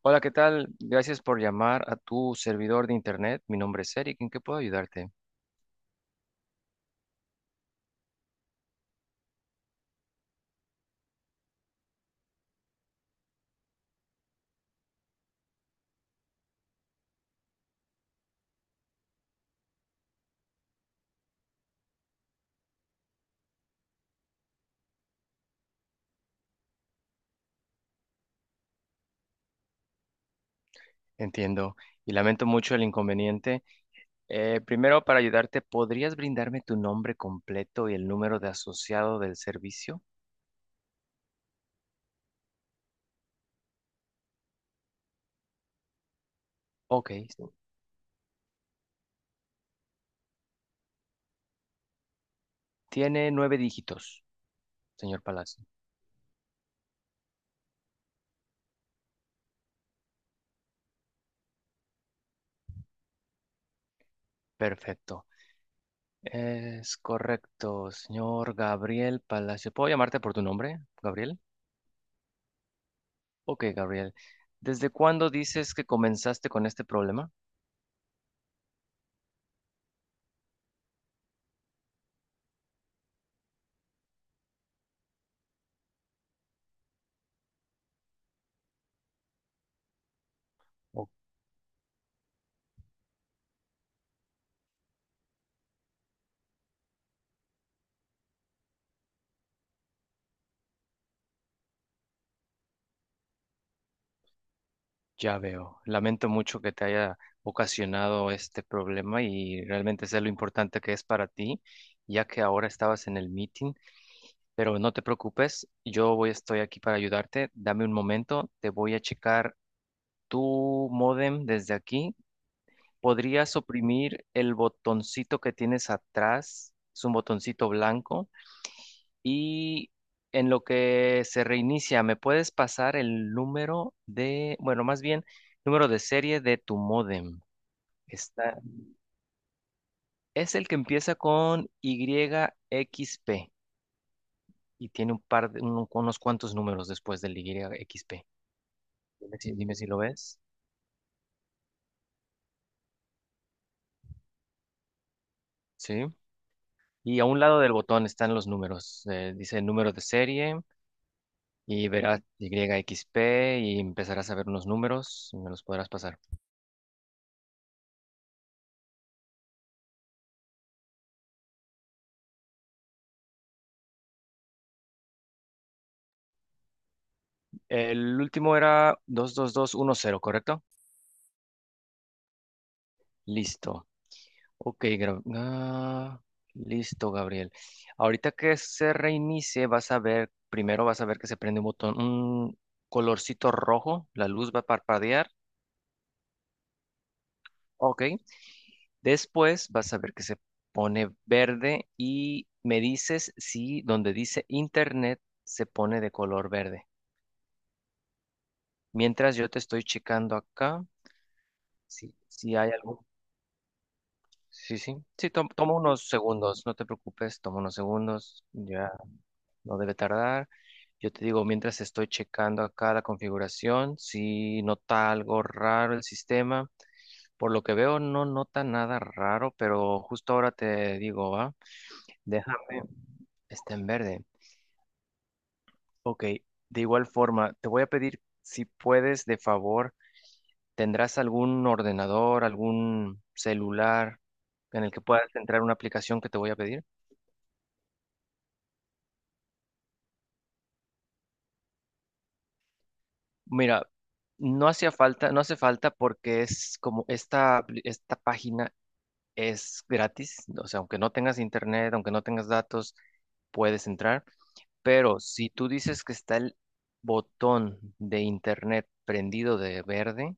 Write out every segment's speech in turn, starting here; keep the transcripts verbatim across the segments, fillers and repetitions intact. Hola, ¿qué tal? Gracias por llamar a tu servidor de internet. Mi nombre es Eric. ¿En qué puedo ayudarte? Entiendo y lamento mucho el inconveniente. Eh, primero, para ayudarte, ¿podrías brindarme tu nombre completo y el número de asociado del servicio? Ok, tiene nueve dígitos, señor Palacio. Perfecto. Es correcto, señor Gabriel Palacio. ¿Puedo llamarte por tu nombre, Gabriel? Ok, Gabriel. ¿Desde cuándo dices que comenzaste con este problema? Ya veo. Lamento mucho que te haya ocasionado este problema y realmente sé lo importante que es para ti, ya que ahora estabas en el meeting, pero no te preocupes, yo voy, estoy aquí para ayudarte. Dame un momento, te voy a checar tu modem desde aquí. ¿Podrías oprimir el botoncito que tienes atrás? Es un botoncito blanco. Y en lo que se reinicia, ¿me puedes pasar el número de, bueno, más bien, número de serie de tu módem? Está, es el que empieza con Y X P y tiene un par de, un- unos cuantos números después del Y X P. Dime si, dime si lo ves. Sí. Y a un lado del botón están los números. eh, dice número de serie y verás Y X P y empezarás a ver unos números y me los podrás pasar. El último era dos dos dos uno cero, ¿correcto? Listo. Ok, gra- ah, listo, Gabriel. Ahorita que se reinicie, vas a ver, primero vas a ver que se prende un botón, un colorcito rojo, la luz va a parpadear. Ok. Después vas a ver que se pone verde y me dices si donde dice internet se pone de color verde. Mientras yo te estoy checando acá, si, si hay algo. Sí, sí. Sí, tom- toma unos segundos, no te preocupes, toma unos segundos, ya no debe tardar. Yo te digo, mientras estoy checando acá la configuración, si nota algo raro el sistema, por lo que veo no nota nada raro, pero justo ahora te digo, ¿va? Déjame, está en verde. Ok, de igual forma, te voy a pedir si puedes, de favor, ¿tendrás algún ordenador, algún celular en el que puedas entrar una aplicación que te voy a pedir? Mira, no hacía falta, no hace falta porque es como esta, apli- esta página es gratis, o sea, aunque no tengas internet, aunque no tengas datos, puedes entrar, pero si tú dices que está el botón de internet prendido de verde,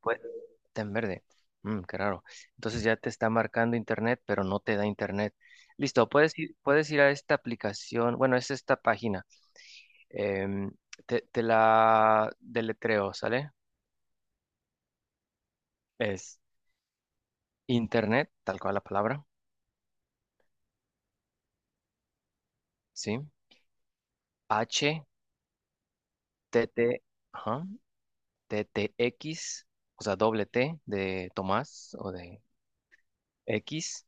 pues está en verde. Mm, qué raro. Entonces ya te está marcando internet, pero no te da internet. Listo, puedes ir, puedes ir a esta aplicación, bueno, es esta página. em, te, te la deletreo, ¿sale? Es internet, tal cual la palabra, ¿sí? H, T, T, ajá, T, T, X, o sea, doble T de Tomás o de X,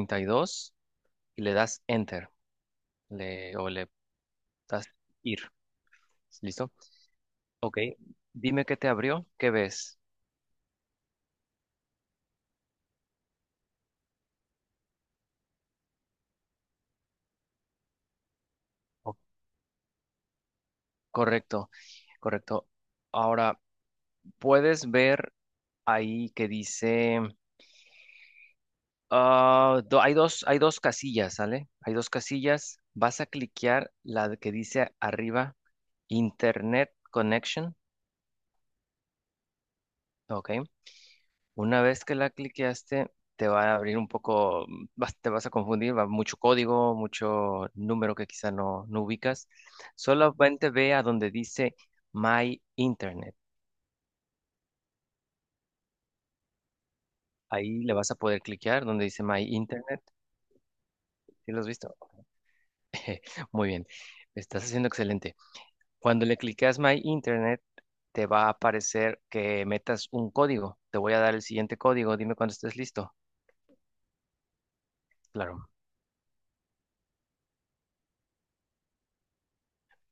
veinticuatro punto veintiséis punto treinta y dos y le das enter, le, o le das ir, ¿listo? Ok, dime qué te abrió, qué ves. Oh, correcto, correcto. Ahora, puedes ver ahí que dice... Ah, do- hay dos, hay dos casillas, ¿sale? Hay dos casillas. Vas a cliquear la de que dice arriba Internet Connection, ¿ok? Una vez que la cliqueaste, te va a abrir un poco, mm, vas- te vas a confundir, va mucho código, mucho número que quizá no, no ubicas. Solamente ve a donde dice My Internet. Ahí le vas a poder cliquear donde dice My Internet. ¿Sí lo has visto? Muy bien, estás haciendo excelente. Cuando le clicas My Internet, te va a aparecer que metas un código. Te voy a dar el siguiente código. Dime cuando estés listo. Claro.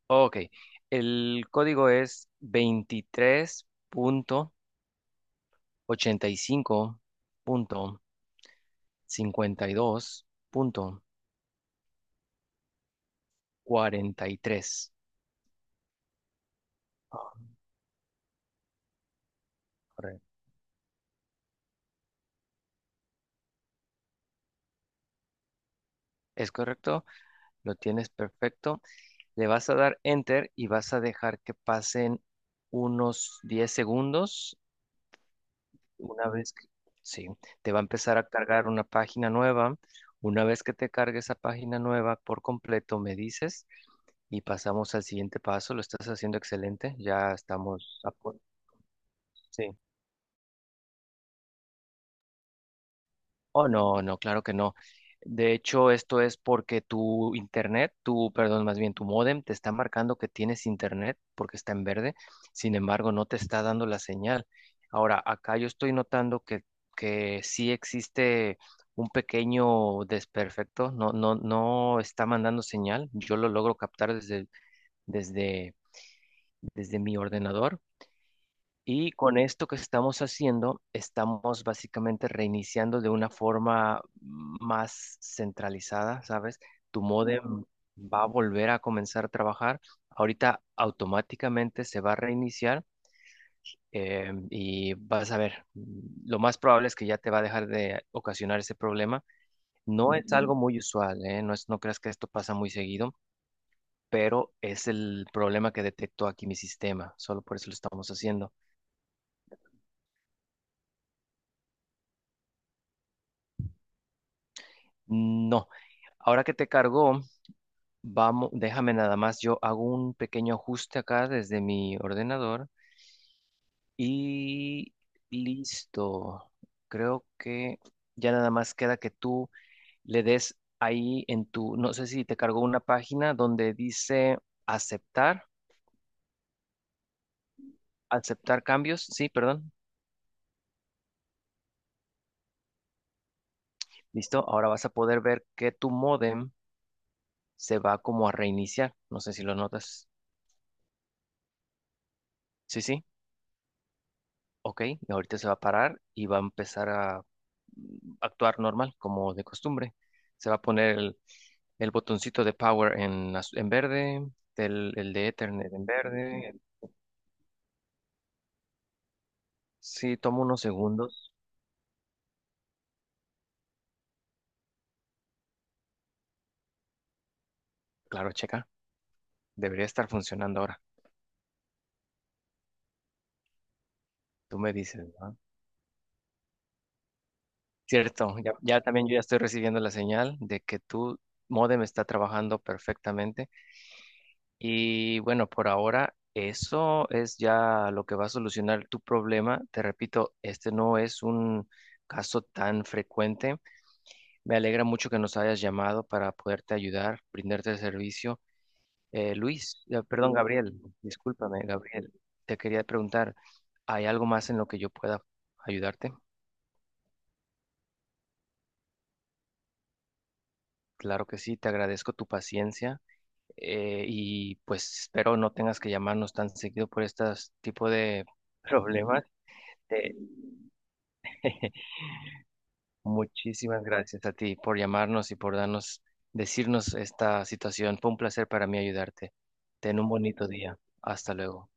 Ok. El código es veintitrés punto punto punto ochenta y y cinco punto cincuenta y dos veintitrés punto ochenta y cinco.52.43. Oh, correcto. Es correcto, lo tienes perfecto. Le vas a dar enter y vas a dejar que pasen unos diez segundos. Una vez que, sí, te va a empezar a cargar una página nueva. Una vez que te cargue esa página nueva por completo, me dices y pasamos al siguiente paso. Lo estás haciendo excelente. Ya estamos a punto. Sí. Oh, no, no, claro que no. De hecho, esto es porque tu internet, tu, perdón, más bien tu módem te está marcando que tienes internet porque está en verde. Sin embargo, no te está dando la señal. Ahora, acá yo estoy notando que, que sí existe un pequeño desperfecto. No, no, no está mandando señal. Yo lo logro captar desde, desde, desde mi ordenador. Y con esto que estamos haciendo, estamos básicamente reiniciando de una forma más centralizada, ¿sabes? Tu módem va a volver a comenzar a trabajar. Ahorita automáticamente se va a reiniciar eh, y vas a ver, mm, lo más probable es que ya te va a dejar de ocasionar ese problema. No es algo muy usual, ¿eh? No es, no creas que esto pasa muy seguido, pero es el problema que detectó aquí mi sistema. Solo por eso lo estamos haciendo. No. Ahora que te cargó, vamos, déjame nada más. Yo hago un pequeño ajuste acá desde mi ordenador y listo. Creo que ya nada más queda que tú le des ahí en tu, no sé si te cargó una página donde dice aceptar, aceptar, cambios. Sí, perdón. Listo. Ahora vas a poder ver que tu módem se va como a reiniciar. No sé si lo notas. Sí, sí. Ok, y ahorita se va a parar y va a empezar a mm, actuar normal, como de costumbre. Se va a poner el, el botoncito de power en, az- en verde, el, el de Ethernet en verde. Sí, toma unos segundos. Claro, checa, debería estar funcionando ahora. Tú me dices, ¿no? Cierto, ya, ya también yo ya estoy recibiendo la señal de que tu módem está trabajando perfectamente. Y bueno, por ahora eso es ya lo que va a solucionar tu problema. Te repito, este no es un caso tan frecuente. Me alegra mucho que nos hayas llamado para poderte ayudar, brindarte el servicio. Eh, Luis, eh, perdón, Gabriel, discúlpame, Gabriel, te quería preguntar, ¿hay algo más en lo que yo pueda ayudarte? Claro que sí, te agradezco tu paciencia eh, y pues espero no tengas que llamarnos tan seguido por este tipo de problemas. Eh, Muchísimas gracias a ti por llamarnos y por darnos, decirnos esta situación. Fue un placer para mí ayudarte. Ten un bonito día. Hasta luego.